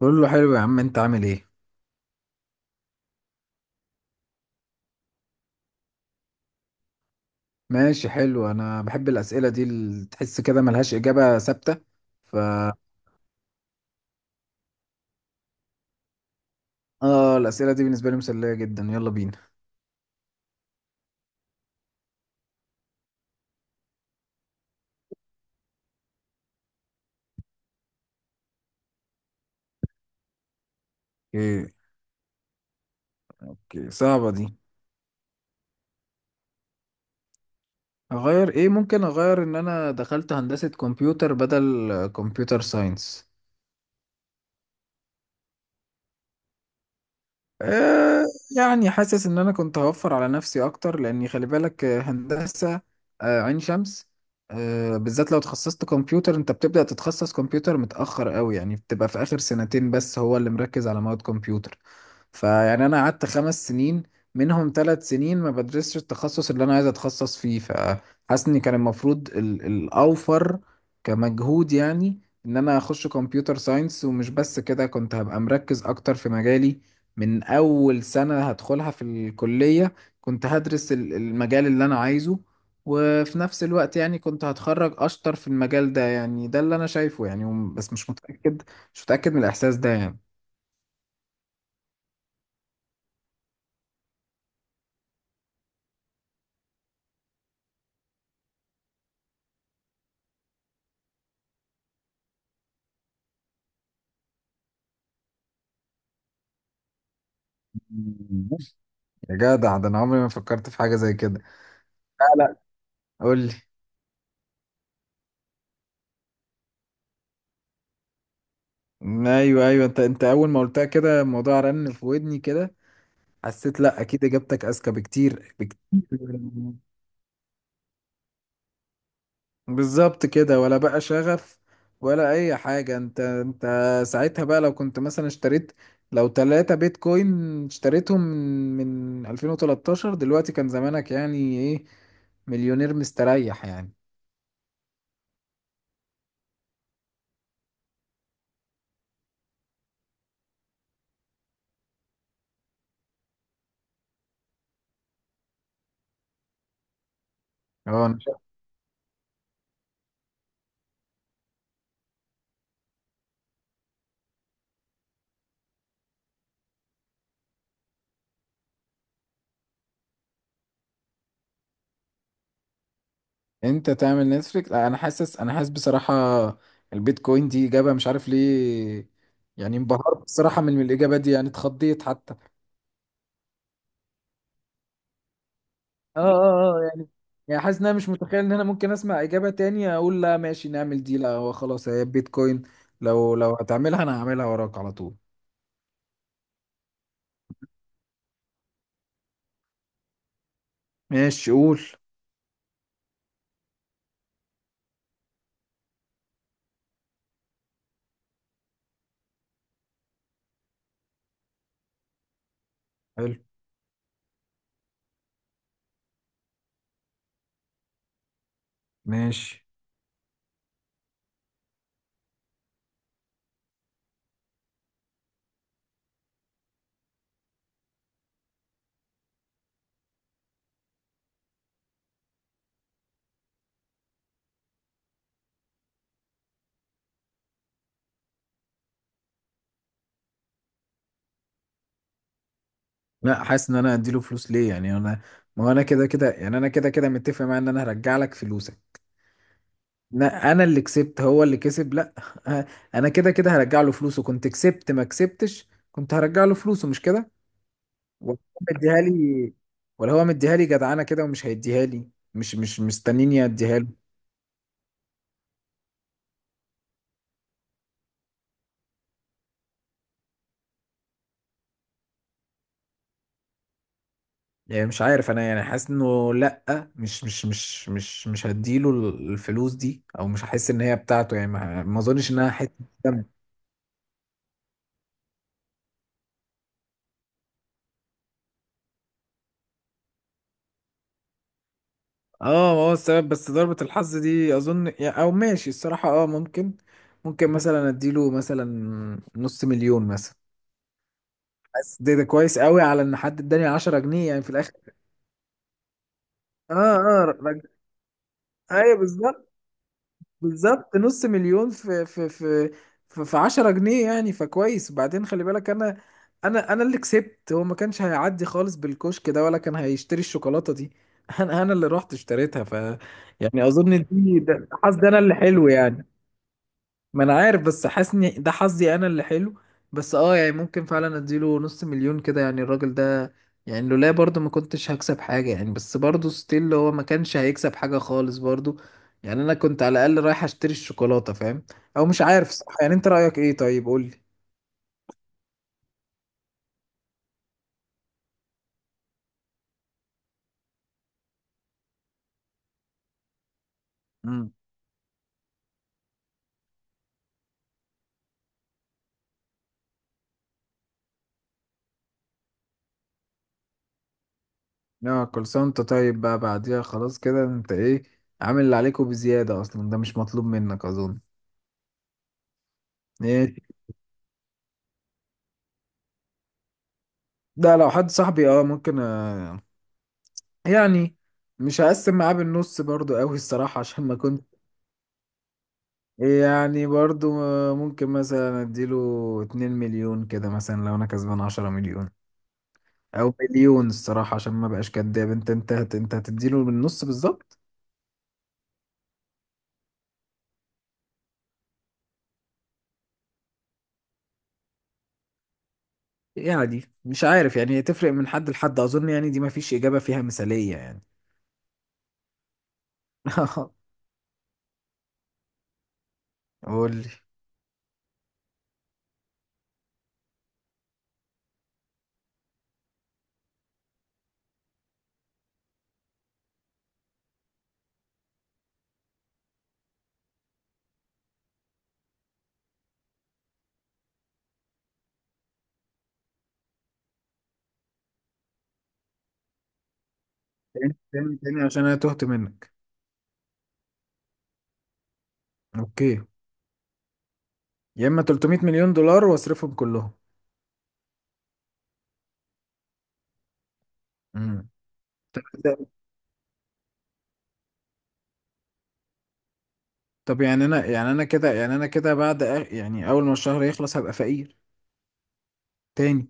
كله حلو يا عم، انت عامل ايه؟ ماشي، حلو، انا بحب الاسئله دي اللي تحس كده ملهاش اجابه ثابته. ف اه، الاسئله دي بالنسبه لي مسليه جدا، يلا بينا. اوكي. اوكي، صعبه دي. اغير ايه؟ ممكن اغير ان انا دخلت هندسه كمبيوتر بدل كمبيوتر ساينس. آه، يعني حاسس ان انا كنت هوفر على نفسي اكتر، لاني خلي بالك، هندسة، عين شمس، بالذات لو تخصصت كمبيوتر. انت بتبدأ تتخصص كمبيوتر متأخر قوي، يعني بتبقى في اخر سنتين بس هو اللي مركز على مواد كمبيوتر. فيعني انا قعدت 5 سنين، منهم 3 سنين ما بدرسش التخصص اللي انا عايز اتخصص فيه. فحاسس ان كان المفروض الاوفر كمجهود، يعني ان انا اخش كمبيوتر ساينس. ومش بس كده، كنت هبقى مركز اكتر في مجالي من اول سنة هدخلها في الكلية، كنت هدرس المجال اللي انا عايزه. وفي نفس الوقت يعني كنت هتخرج اشطر في المجال ده، يعني ده اللي انا شايفه يعني. بس مش متأكد، مش متأكد من الاحساس ده. يعني يا جدع، ده انا عمري ما فكرت في حاجه زي كده. لا، لا، قول لي. ايوه، ايوه، انت اول ما قلتها كده الموضوع رن في ودني كده. حسيت لا، اكيد اجابتك اذكى بكتير بكتير. بالظبط كده، ولا بقى شغف ولا اي حاجه. انت، ساعتها بقى لو كنت مثلا اشتريت، لو 3 بيتكوين، اشتريتهم من 2013، دلوقتي كان زمانك يعني ايه، مليونير مستريح يعني. اه، انت تعمل نتفليكس؟ لا، انا حاسس، بصراحة البيتكوين دي اجابة مش عارف ليه. يعني انبهرت بصراحة من الاجابة دي، يعني اتخضيت حتى. اه، اه، اه. يعني، يعني حاسس ان انا مش متخيل ان انا ممكن اسمع اجابة تانية اقول لا ماشي نعمل دي. لا، هو خلاص، هي بيتكوين، لو هتعملها انا هعملها وراك على طول. ماشي، قول. حلو. ماشي. لا، حاسس ان انا اديله فلوس ليه يعني؟ انا ما هو انا كده كده، يعني انا كده كده متفق معاه ان انا هرجع لك فلوسك. لا، انا اللي كسبت هو اللي كسب؟ لا. آه، انا كده كده هرجع له فلوسه، كنت كسبت ما كسبتش كنت هرجع له فلوسه، مش كده؟ ولا هو مديها لي، ولا هو مديها لي جدعانه كده ومش هيديها لي، مش مستنيني اديها له. يعني مش عارف انا، يعني حاسس انه لا، مش هديله الفلوس دي، او مش هحس ان هي بتاعته، يعني ما اظنش ان انا هحس. اه، ما هو السبب بس ضربة الحظ دي اظن، او ماشي الصراحة، اه ممكن، ممكن مثلا اديله مثلا نص مليون مثلا. بس ده كويس قوي على ان حد اداني 10 جنيه يعني في الاخر. اه اه رج... ايوه بالظبط، بالظبط نص مليون في 10 جنيه يعني. فكويس، وبعدين خلي بالك انا، انا اللي كسبت. هو ما كانش هيعدي خالص بالكشك ده ولا كان هيشتري الشوكولاتة دي. انا، اللي رحت اشتريتها. يعني اظن دي، ده حظ، ده انا اللي حلو يعني. ما انا عارف، بس حاسني ده حظي انا اللي حلو. بس اه، يعني ممكن فعلا اديله نص مليون كده، يعني الراجل ده، يعني لولا برضه ما كنتش هكسب حاجة يعني، بس برضه ستيل هو ما كانش هيكسب حاجة خالص برضه، يعني انا كنت على الاقل رايح اشتري الشوكولاتة، فاهم؟ او مش عارف، صح؟ يعني انت رأيك ايه؟ طيب قولي. امم. يا، كل سنة وانت طيب بقى، بعديها خلاص كده، انت ايه، عامل اللي عليك وبزيادة، اصلا ده مش مطلوب منك اظن. ايه، ده لو حد صاحبي اه ممكن. يعني مش هقسم معاه بالنص برضو قوي الصراحة، عشان ما كنت، يعني برضو ممكن مثلا اديله 2 مليون كده، مثلا لو انا كسبان 10 مليون، او مليون الصراحة عشان ما بقاش كداب. انت هتديله بالنص بالظبط. يعني مش عارف، يعني هي تفرق من حد لحد اظن، يعني دي ما فيش اجابة فيها مثالية يعني. قول لي، تاني، تاني، تاني، عشان انا تهت منك. اوكي. يا اما 300 مليون دولار واصرفهم كلهم. امم. طب يعني انا، يعني انا كده، يعني انا كده بعد، يعني اول ما الشهر يخلص هبقى فقير. تاني؟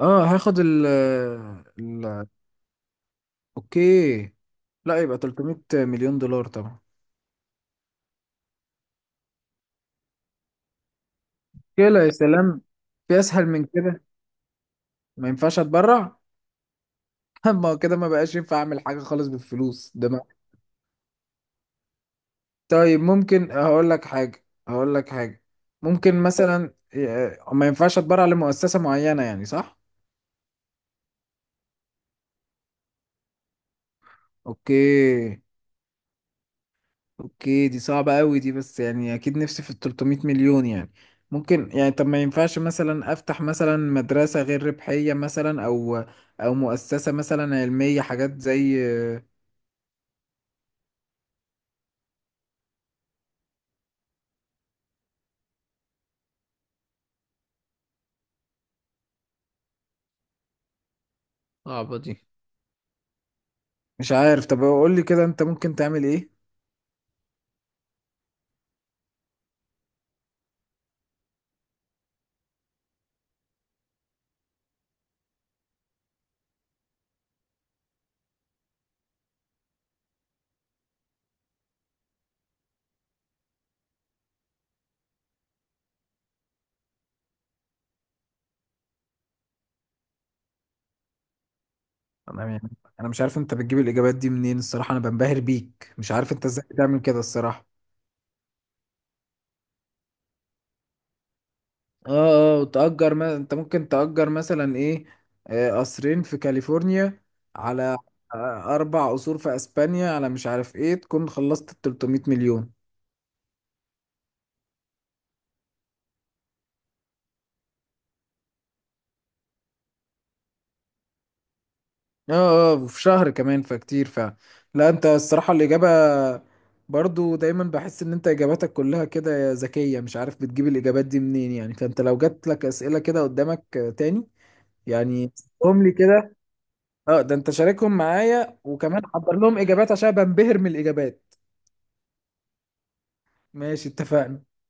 اه، هاخد ال، ال، اوكي. لا، يبقى 300 مليون دولار طبعا. كده يا سلام، في اسهل من كده؟ ما ينفعش اتبرع؟ ما هو كده ما بقاش ينفع اعمل حاجه خالص بالفلوس ده ما. طيب ممكن هقول لك حاجه، هقول لك حاجه. ممكن مثلا، ما ينفعش اتبرع لمؤسسه معينه يعني، صح؟ اوكي، اوكي دي صعبة قوي دي. بس يعني اكيد نفسي في ال 300 مليون يعني، ممكن يعني. طب ما ينفعش مثلا افتح مثلا مدرسة غير ربحية مثلا، او مؤسسة مثلا علمية، حاجات زي. صعبة دي. مش عارف، طب قول لي كده انت ممكن تعمل ايه؟ انا يعني، انا مش عارف انت بتجيب الاجابات دي منين الصراحة، انا بنبهر بيك، مش عارف انت ازاي بتعمل كده الصراحة. اه، اه، تأجر. ما... انت ممكن تأجر مثلا ايه، قصرين في كاليفورنيا، على 4 قصور في اسبانيا، على مش عارف ايه، تكون خلصت ال 300 مليون. اه، اه، وفي شهر كمان، فكتير فعلا. لا انت الصراحة الإجابة، برضو دايما بحس ان انت اجاباتك كلها كده ذكية، مش عارف بتجيب الاجابات دي منين يعني. فانت لو جات لك اسئلة كده قدامك تاني، يعني هم لي كده. اه، ده انت شاركهم معايا وكمان حضر لهم اجابات عشان بنبهر من الاجابات. ماشي، اتفقنا.